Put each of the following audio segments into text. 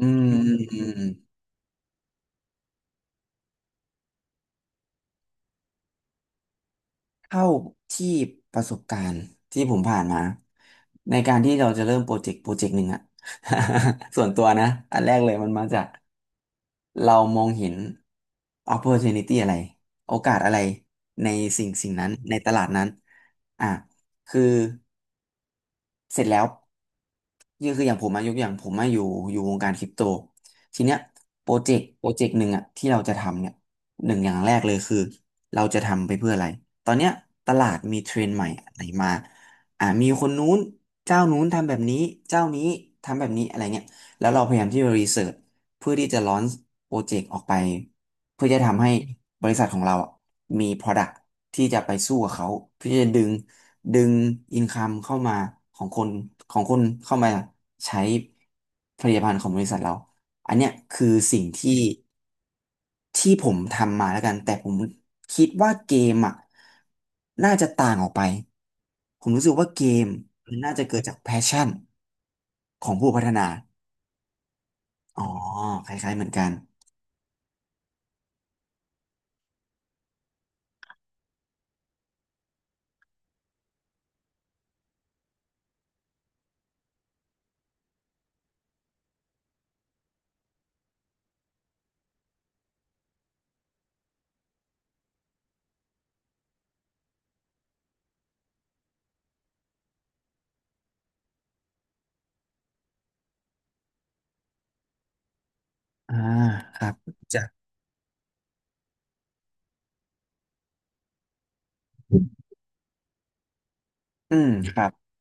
อืมอืมอืมเท่าที่ประสบการณ์ที่ผมผ่านมาในการที่เราจะเริ่มโปรเจกต์หนึ่งอะ ส่วนตัวนะอันแรกเลยมันมาจากเรามองเห็น opportunity อะไรโอกาสอะไรในสิ่งนั้นในตลาดนั้นอ่ะคือ เสร็จแล้วก็คืออย่างผมอายกอย่างผมมาอยู่วงการคริปโตทีเนี้ยโปรเจกต์หนึ่งอะที่เราจะทำเนี่ยหนึ่งอย่างแรกเลยคือเราจะทำไปเพื่ออะไรตอนเนี้ยตลาดมีเทรนด์ใหม่อะไรมามีคนนู้นเจ้านู้นทำแบบนี้เจ้านี้ทำแบบนี้อะไรเงี้ยแล้วเราพยายามที่จะรีเสิร์ชเพื่อที่จะลอนโปรเจกต์ออกไปเพื่อจะทำให้บริษัทของเราอะมี product ที่จะไปสู้กับเขาเพื่อจะดึงอินคัมเข้ามาของคนของคนเข้ามาใช้ผลิตภัณฑ์ของบริษัทเราอันเนี้ยคือสิ่งที่ผมทำมาแล้วกันแต่ผมคิดว่าเกมอ่ะน่าจะต่างออกไปผมรู้สึกว่าเกมมันน่าจะเกิดจากแพชชั่นของผู้พัฒนาอ๋อคล้ายๆเหมือนกันอ่าครับจากอืมครับ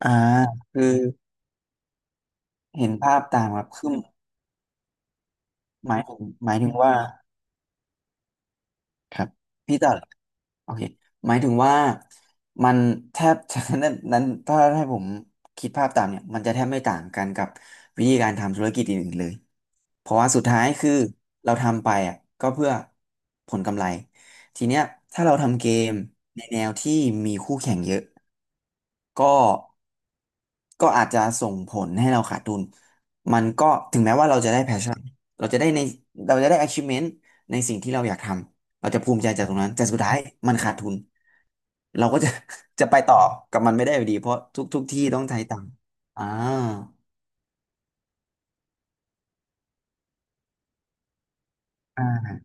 อ่าคือเห็นภาพตามครับคือหมายถึงว่า ครับพี่จะโอเคหมายถึงว่ามันแทบจะ นั้นถ้าให้ผมคิดภาพตามเนี่ยมันจะแทบไม่ต่างกันกับวิธีการทำธุรกิจอื่นๆเลยเพราะว่าสุดท้ายคือเราทำไปอ่ะก็เพื่อผลกำไรทีเนี้ยถ้าเราทำเกมในแนวที่มีคู่แข่งเยอะก็ก็อาจจะส่งผลให้เราขาดทุนมันก็ถึงแม้ว่าเราจะได้ passion เราจะได้ในเราจะได้ achievement ในสิ่งที่เราอยากทำ เราจะภูมิใจจากตรงนั้นแต่สุดท้ายมันขาดทุนเราก็จะ จะไปต่อกับมันไม่ได้อยู่ดีเพราะทุกที่ต้องใช้ตังค์อ่าอ่า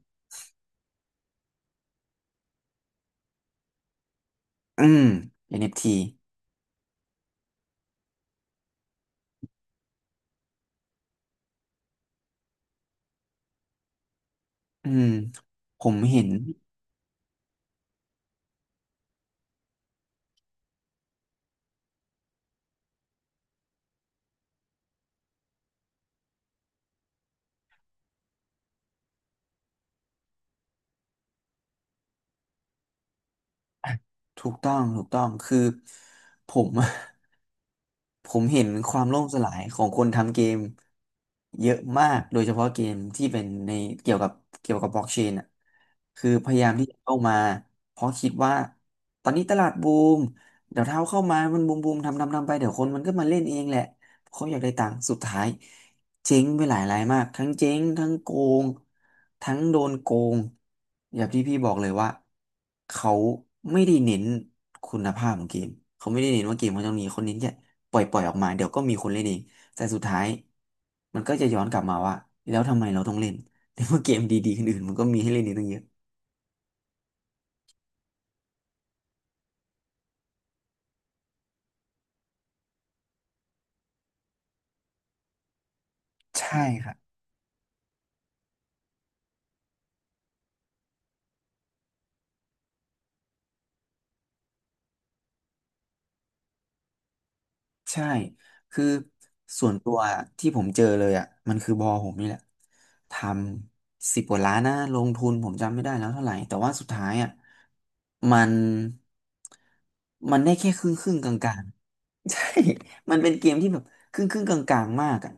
อืม n ทีอืมผมเห็น ถูกต้องคือผม ผมเห็นความล่มสลายของคนทำเกมเยอะมากโดยเฉพาะเกมที่เป็นในเกี่ยวกับเกี่ยวกับบล็อกเชนอ่ะคือพยายามที่จะเข้ามาเพราะคิดว่าตอนนี้ตลาดบูมเดี๋ยวเท้าเข้ามามันบูมทำไปเดี๋ยวคนมันก็มาเล่นเองแหละ เขาอยากได้ตังค์สุดท้ายเจ๊งไปหลายรายมากทั้งเจ๊งทั้งโกงทั้งโดนโกงอย่างที่พี่บอกเลยว่าเขาไม่ได้เน้นคุณภาพของเกมเขาไม่ได้เน้นว่าเกมเขาจะมีคนเน้นแค่ปล่อยออกมาเดี๋ยวก็มีคนเล่นเองแต่สุดท้ายมันก็จะย้อนกลับมาว่าแล้วทำไมเราต้องเล่น ในเมื่อเกมดีๆคนอื่นมันก็มีให้เล่นอีกตั้งเยอะใช่ครับ ใช่ คือส่วนตัวที่ผมเจอเลยอ่ะมันคือบอผมนี่แหละทำสิบกว่าล้านนะลงทุนผมจำไม่ได้แล้วเท่าไหร่แต่ว่าสุดท้ายอ่ะมันมันได้แค่ครึ่งกลางๆ ใช่มันเป็นเกมที่แบบครึ่งกลางๆมากอ่ะ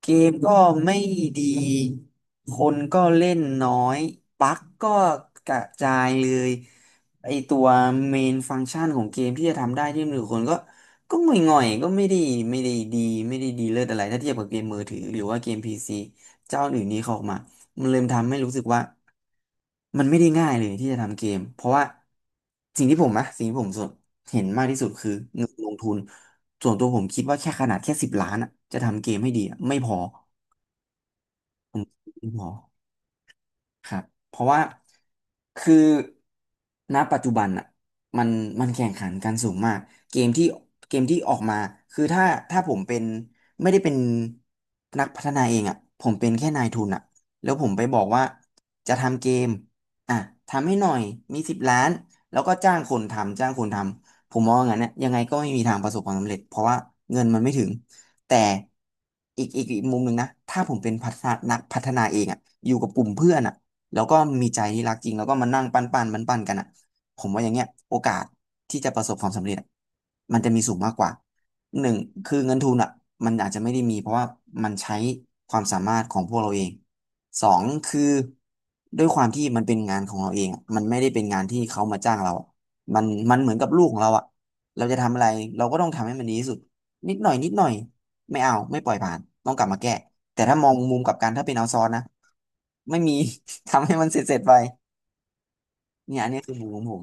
เกมก็ไม่ดีคนก็เล่นน้อยบั๊กก็กระจายเลยไอตัวเมนฟังก์ชันของเกมที่จะทำได้ที่มือคนก็ ก็ง่อยๆก็ไม่ได้ไม่ได้ดีไม่ได้ดีเลิศอะไรถ้าเทียบกับเกมมือถือหรือว่าเกมพีซีเจ้าอื่นนี้เขาออกมามันเริ่มทำให้รู้สึกว่ามันไม่ได้ง่ายเลยที่จะทำเกมเพราะว่าสิ่งที่ผมสนเห็นมากที่สุดคือเงินลงทุนส่วนตัวผมคิดว่าแค่ขนาดแค่สิบล้านอะจะทำเกมให้ดีอะไม่พอไม่พอ ครับเพราะว่าคือณปัจจุบันอ่ะมันมันแข่งขันกันสูงมากเกมที่เกมที่ออกมาคือถ้าผมเป็นไม่ได้เป็นนักพัฒนาเองอ่ะผมเป็นแค่นายทุนอ่ะแล้วผมไปบอกว่าจะทำเกมอ่ะทำให้หน่อยมีสิบล้านแล้วก็จ้างคนทำผมมองอย่างนั้นเนี่ยยังไงก็ไม่มีทางประสบความสำเร็จเพราะว่าเงินมันไม่ถึงแต่อีกมุมหนึ่งนะถ้าผมเป็นพัฒนานักพัฒนาเองอ่ะอยู่กับกลุ่มเพื่อนอ่ะ แล้วก็มีใจที่รักจริงแล้วก็มานั่งปั้นปั้นมันปั้นๆกันอ่ะผมว่าอย่างเงี้ยโอกาสที่จะประสบความสำเร็จอะมันจะมีสูงมากกว่า1คือเงินทุนอ่ะมันอาจจะไม่ได้มีเพราะว่ามันใช้ความสามารถของพวกเราเองสองคือด้วยความที่มันเป็นงานของเราเองอะมันไม่ได้เป็นงานที่เขามาจ้างเราอะมันมันเหมือนกับลูกของเราอ่ะเราจะทำอะไรเราก็ต้องทำให้มันดีที่สุดนิดหน่อยนิดหน่อยไม่เอาไม่ปล่อยผ่านต้องกลับมาแก้ แต่ถ้ามองมุมกลับกันถ้าเป็นเอาซอนนะไม่มี ทำให้มันเสร็จๆไปเนี่ยอันนี้คือมุมของผม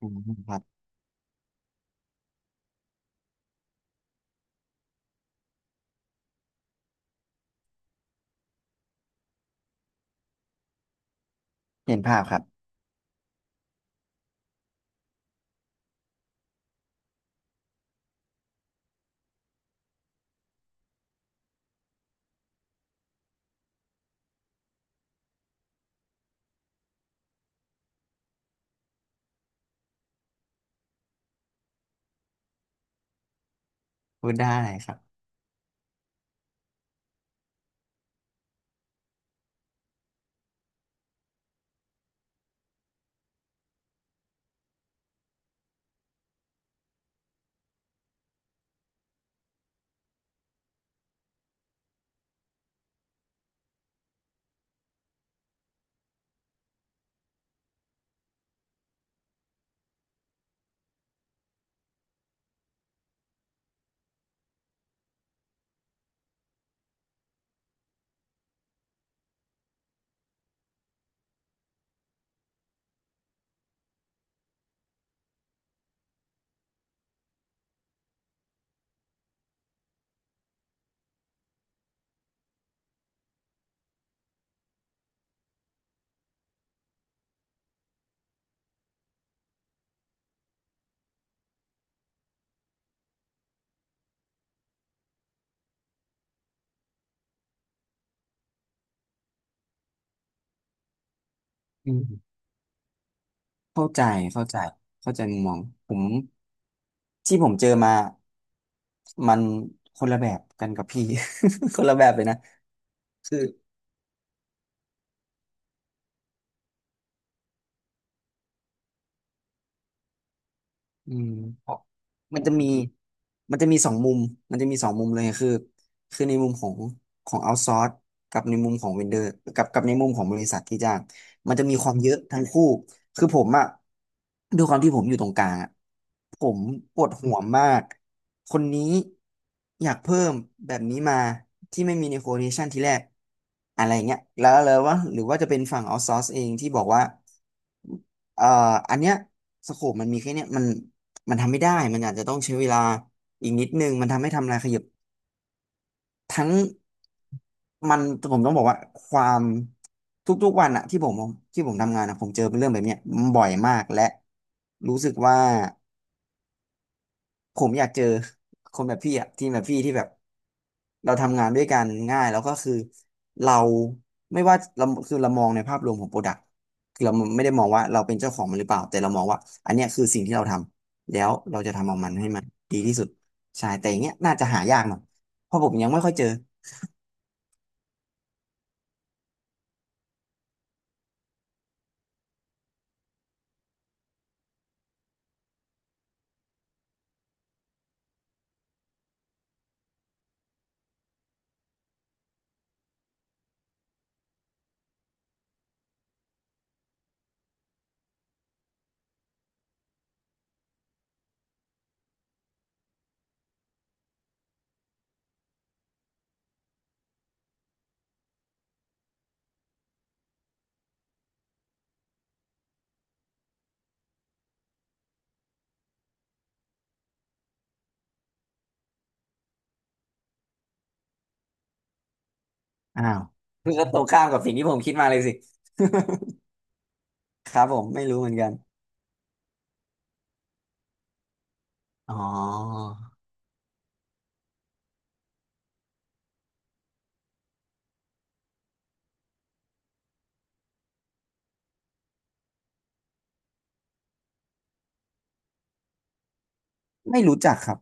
อืมครับเห็นภาพครับพูดได้ครับอืมเข้าใจเข้าใจเข้าใจมุมมองผมที่ผมเจอมามันคนละแบบกันกับพี่ คนละแบบเลยนะคือ อืมเพราะมันจะมีมันจะมีสองมุมมันจะมีสองมุมเลยคือคือในมุมของของเอาท์ซอร์สกับในมุมของเวนเดอร์กับในมุมของบริษัทที่จ้างมันจะมีความเยอะทั้งคู่คือผมอะด้วยความที่ผมอยู่ตรงกลางอะผมปวดหัวมากคนนี้อยากเพิ่มแบบนี้มาที่ไม่มีในโคเ a ชันทีแรกอะไรเงี้ยแล้วเลยว่าหรือว่าจะเป็นฝั่งเอาท์ซอร์สเองที่บอกว่าเอ่ออันเนี้ยสโคปมันมีแค่เนี้ยมัน มันทำไม่ได้ มันอาจจะต้องใช้เวลาอีกนิดนึง มันทำให้ทำลายขยับทั้งมันผมต้องบอกว่าความทุกๆวันอะที่ผมที่ผมทำงานอะผมเจอเป็นเรื่องแบบเนี้ยบ่อยมากและรู้สึกว่า ผมอยากเจอคนแบบพี่อะทีมแบบพี่ที่แบบเราทำงานด้วยกันง่ายแล้วก็คือเราไม่ว่าเราคือเรามองในภาพรวมของโปรดักต์คือเราไม่ได้มองว่าเราเป็นเจ้าของมันหรือเปล่าแต่เรามองว่าอันเนี้ยคือสิ่งที่เราทำแล้วเราจะทำเอามันให้มันดีที่สุดใช่แต่อย่างเงี้ยน่าจะหายากหน่อยเพราะผมยังไม่ค่อยเจออ้าวคือก็ตรงข้ามกับสิ่งที่ผมคิดมาเลยสิ ครับผมไม่รู้เหมือนกันอ๋อไม่รู้จักครับ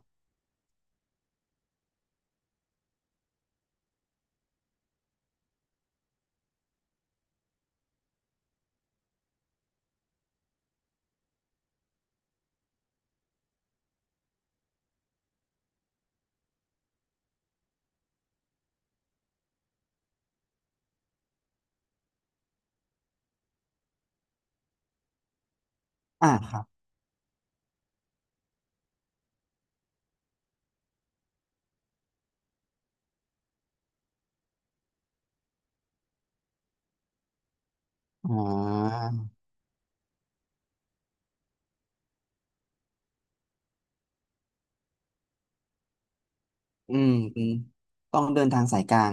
อ่าครับอ๋อ อืมอืมต้องเดินทางสายกลาง